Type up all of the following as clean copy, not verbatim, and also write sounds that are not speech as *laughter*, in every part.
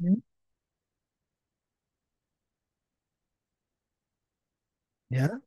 Mm. ¿Ya?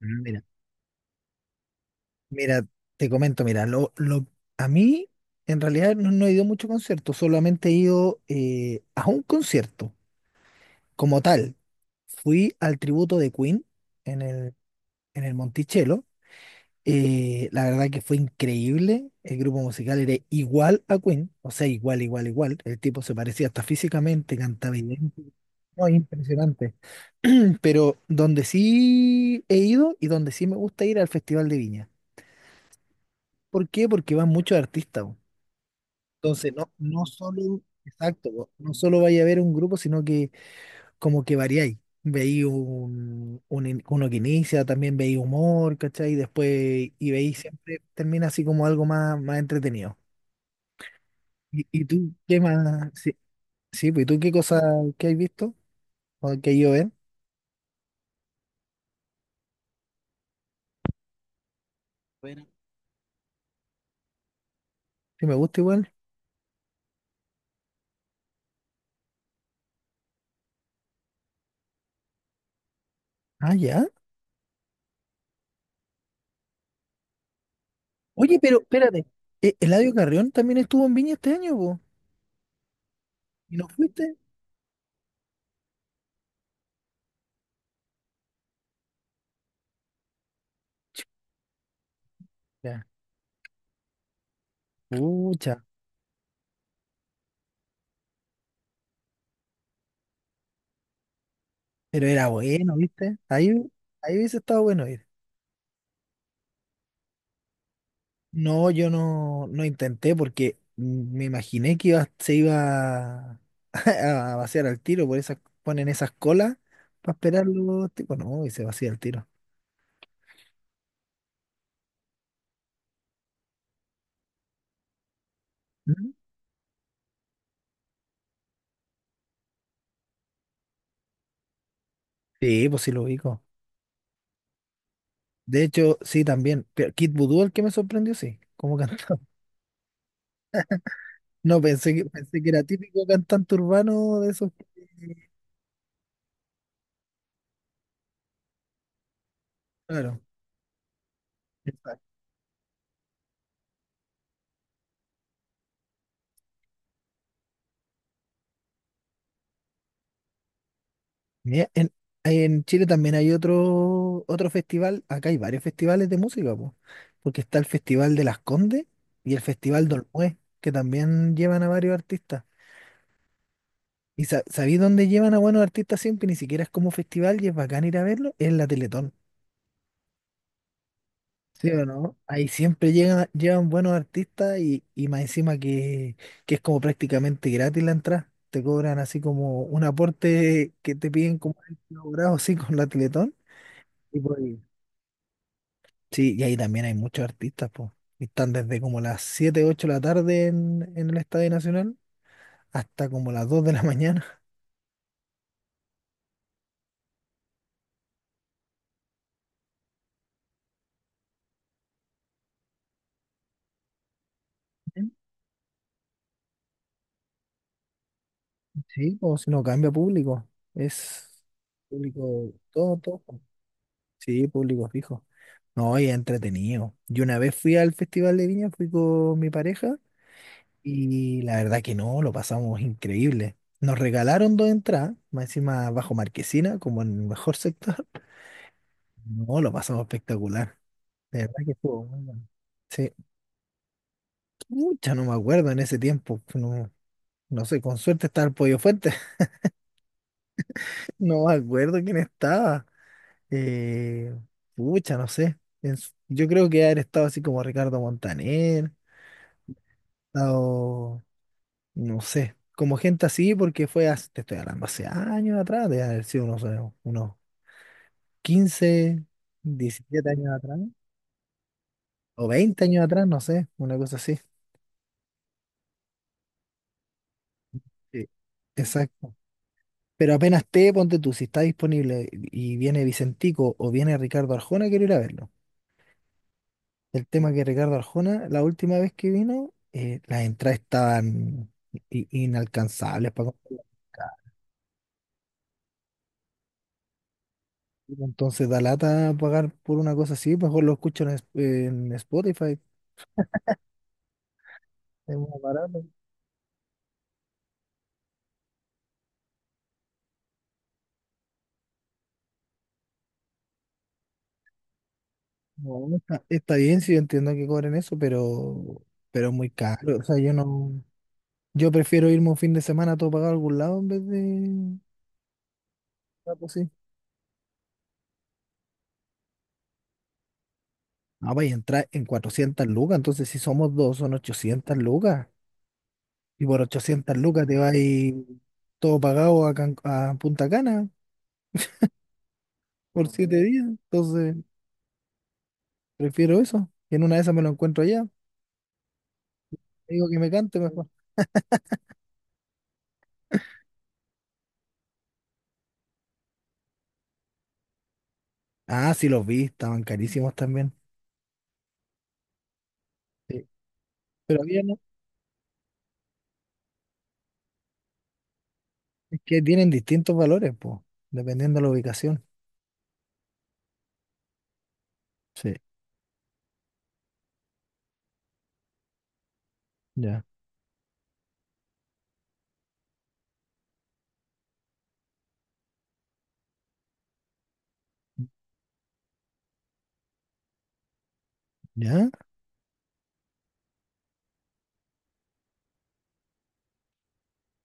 Mm, Mira, mira, te comento, mira, lo, A mí en realidad no he ido a muchos conciertos, solamente he ido a un concierto como tal. Fui al tributo de Queen en el, en el Monticello. La verdad que fue increíble. El grupo musical era igual a Queen, o sea, igual, igual, igual. El tipo se parecía hasta físicamente, cantaba idéntico. No, impresionante. *clears throat* Pero donde sí he ido y donde sí me gusta ir al Festival de Viña. ¿Por qué? Porque van muchos artistas, po. Entonces, no solo, exacto, po, no solo vaya a ver un grupo, sino que como que variáis. Veí uno que inicia, también veí humor, ¿cachai? Después, y veí siempre, termina así como algo más, más entretenido. Y tú qué más? Sí, sí, pues, ¿y tú qué cosa que has visto? ¿O que yo ven? Bueno. Si me gusta igual. Ah, ya. Oye, pero espérate, ¿Eladio Carrión también estuvo en Viña este año, po? ¿Y no fuiste? Ya. Pucha. Pero era bueno, ¿viste? Ahí hubiese estado bueno ir. No, yo no, no intenté porque me imaginé que iba, se iba *laughs* a vaciar al tiro, por esas ponen esas colas para esperar los tipos. No, y se vacía el tiro. ¿Mm? Sí, pues sí lo ubico. De hecho, sí, también. Pero Kid Voodoo, el que me sorprendió, sí, cómo cantaba. *laughs* No, pensé que era típico cantante urbano de esos, que- Claro. Mira, en Chile también hay otro festival, acá hay varios festivales de música, po, porque está el Festival de Las Condes y el Festival de Olmué, que también llevan a varios artistas. ¿Y sabí dónde llevan a buenos artistas siempre? Ni siquiera es como festival y es bacán ir a verlo, es la Teletón. ¿Sí o no? Ahí siempre llegan, llevan buenos artistas y, más encima que es como prácticamente gratis la entrada. Te cobran así como un aporte que te piden como elaborado *laughs* así con la Teletón. Sí, y ahí también hay muchos artistas, pues. Y están desde como las 7 8 de la tarde en el Estadio Nacional hasta como las 2 de la *laughs* mañana. Ujú. Sí, o si no cambia público. Es público todo, todo. Sí, público fijo. No, y es entretenido. Yo una vez fui al Festival de Viña, fui con mi pareja y la verdad que no, lo pasamos increíble. Nos regalaron dos entradas, más encima bajo Marquesina, como en el mejor sector. *laughs* No, lo pasamos espectacular. De verdad que estuvo muy bueno. Sí. Mucha, no me acuerdo en ese tiempo. No, no sé, con suerte estaba el Pollo Fuente. *laughs* No me acuerdo quién estaba. Eh, pucha, no sé. En su- yo creo que haber estado así como Ricardo Montaner, estado, no sé, como gente así, porque fue hace, te estoy hablando, hace años atrás, de haber sido unos 15 17 años atrás, o 20 años atrás, no sé, una cosa así. Sí. Exacto. Pero apenas esté, ponte tú, si está disponible y viene Vicentico o viene Ricardo Arjona, quiero ir a verlo. El tema que Ricardo Arjona, la última vez que vino, las entradas estaban inalcanzables para comprar. Entonces da lata pagar por una cosa así, mejor lo escucho en Spotify. Es más barato. No, está bien, si yo entiendo que cobren eso, pero es muy caro. O sea, yo no, yo prefiero irme un fin de semana todo pagado a algún lado en vez de... No, vais a entrar en 400 lucas, entonces si somos dos son 800 lucas. Y por 800 lucas te vas todo pagado a, Can- a Punta Cana por 7 días. Entonces prefiero eso. Y en una de esas me lo encuentro allá. Te digo que me cante mejor. Ah, sí, los vi, estaban carísimos también. Sí. Pero bien, ¿no? Es que tienen distintos valores, pues, dependiendo de la ubicación. Sí, ya, ya,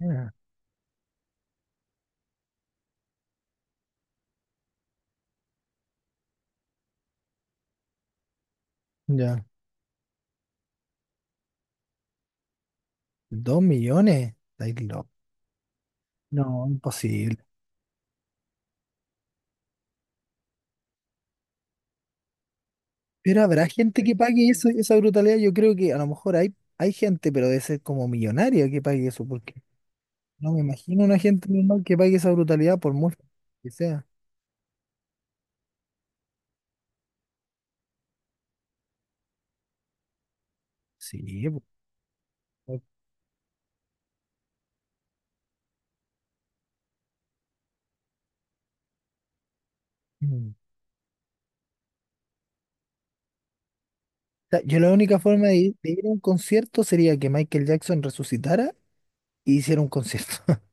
ya, ya. 2 millones, estáis locos. No, imposible. Pero habrá gente que pague eso, esa brutalidad. Yo creo que a lo mejor hay gente, pero debe ser como millonaria que pague eso, porque no me imagino una gente normal que pague esa brutalidad por mucho que sea. Sí, po. Mm. O sea, yo la única forma de ir, a un concierto sería que Michael Jackson resucitara y hiciera un concierto. *laughs*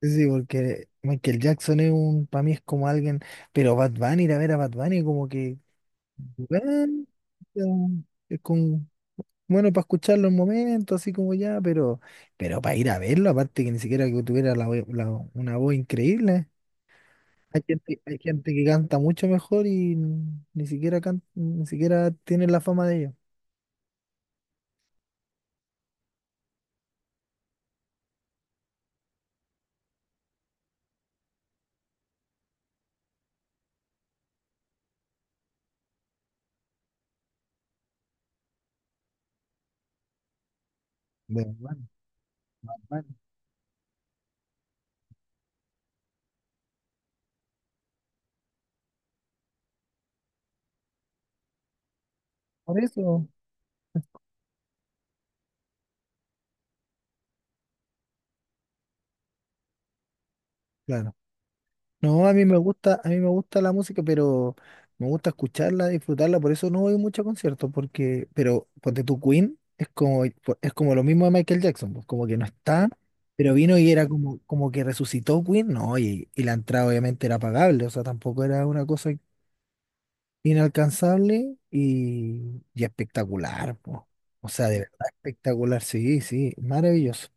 Sí, porque Michael Jackson es un, para mí es como alguien, pero Bad Bunny, ir a ver a Bad Bunny como que, bueno, es con Bueno, para escucharlo un momento, así como ya, pero para ir a verlo, aparte que ni siquiera que tuviera la, voz- la- una voz increíble. Hay gente que canta mucho mejor y n- ni siquiera can- ni siquiera tiene la fama de ellos. De Bad Bunny, Bad Bunny. Por eso, claro. No, a mí me gusta, a mí me gusta la música, pero me gusta escucharla, disfrutarla, por eso no voy mucho a conciertos, porque, pero ponte tu Queen es como lo mismo de Michael Jackson, pues, como que no está, pero vino y era como, como que resucitó Queen, no, y la entrada obviamente era pagable, o sea, tampoco era una cosa inalcanzable y espectacular, pues. O sea, de verdad espectacular, sí, sí, maravilloso.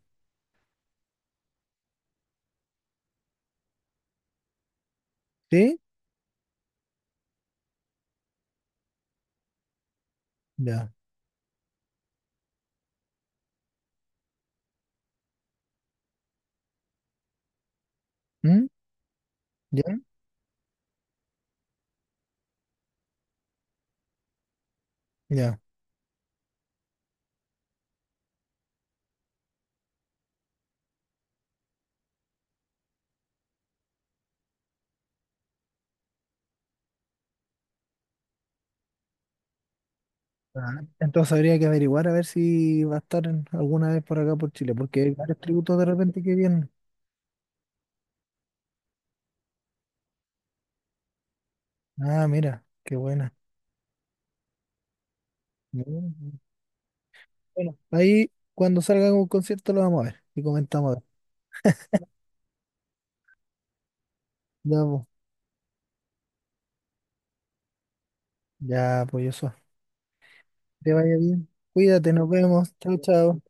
¿Sí? Ya. ¿Mm? ¿Ya? ¿Ya? Ah, entonces habría que averiguar a ver si va a estar en- alguna vez por acá por Chile, porque hay varios tributos de repente que vienen. Ah, mira, qué buena. Mm, bueno, ahí cuando salga un concierto lo vamos a ver y comentamos. Ya, pues, ya, pues eso. Que te vaya bien. Cuídate, nos vemos. Chao, chao.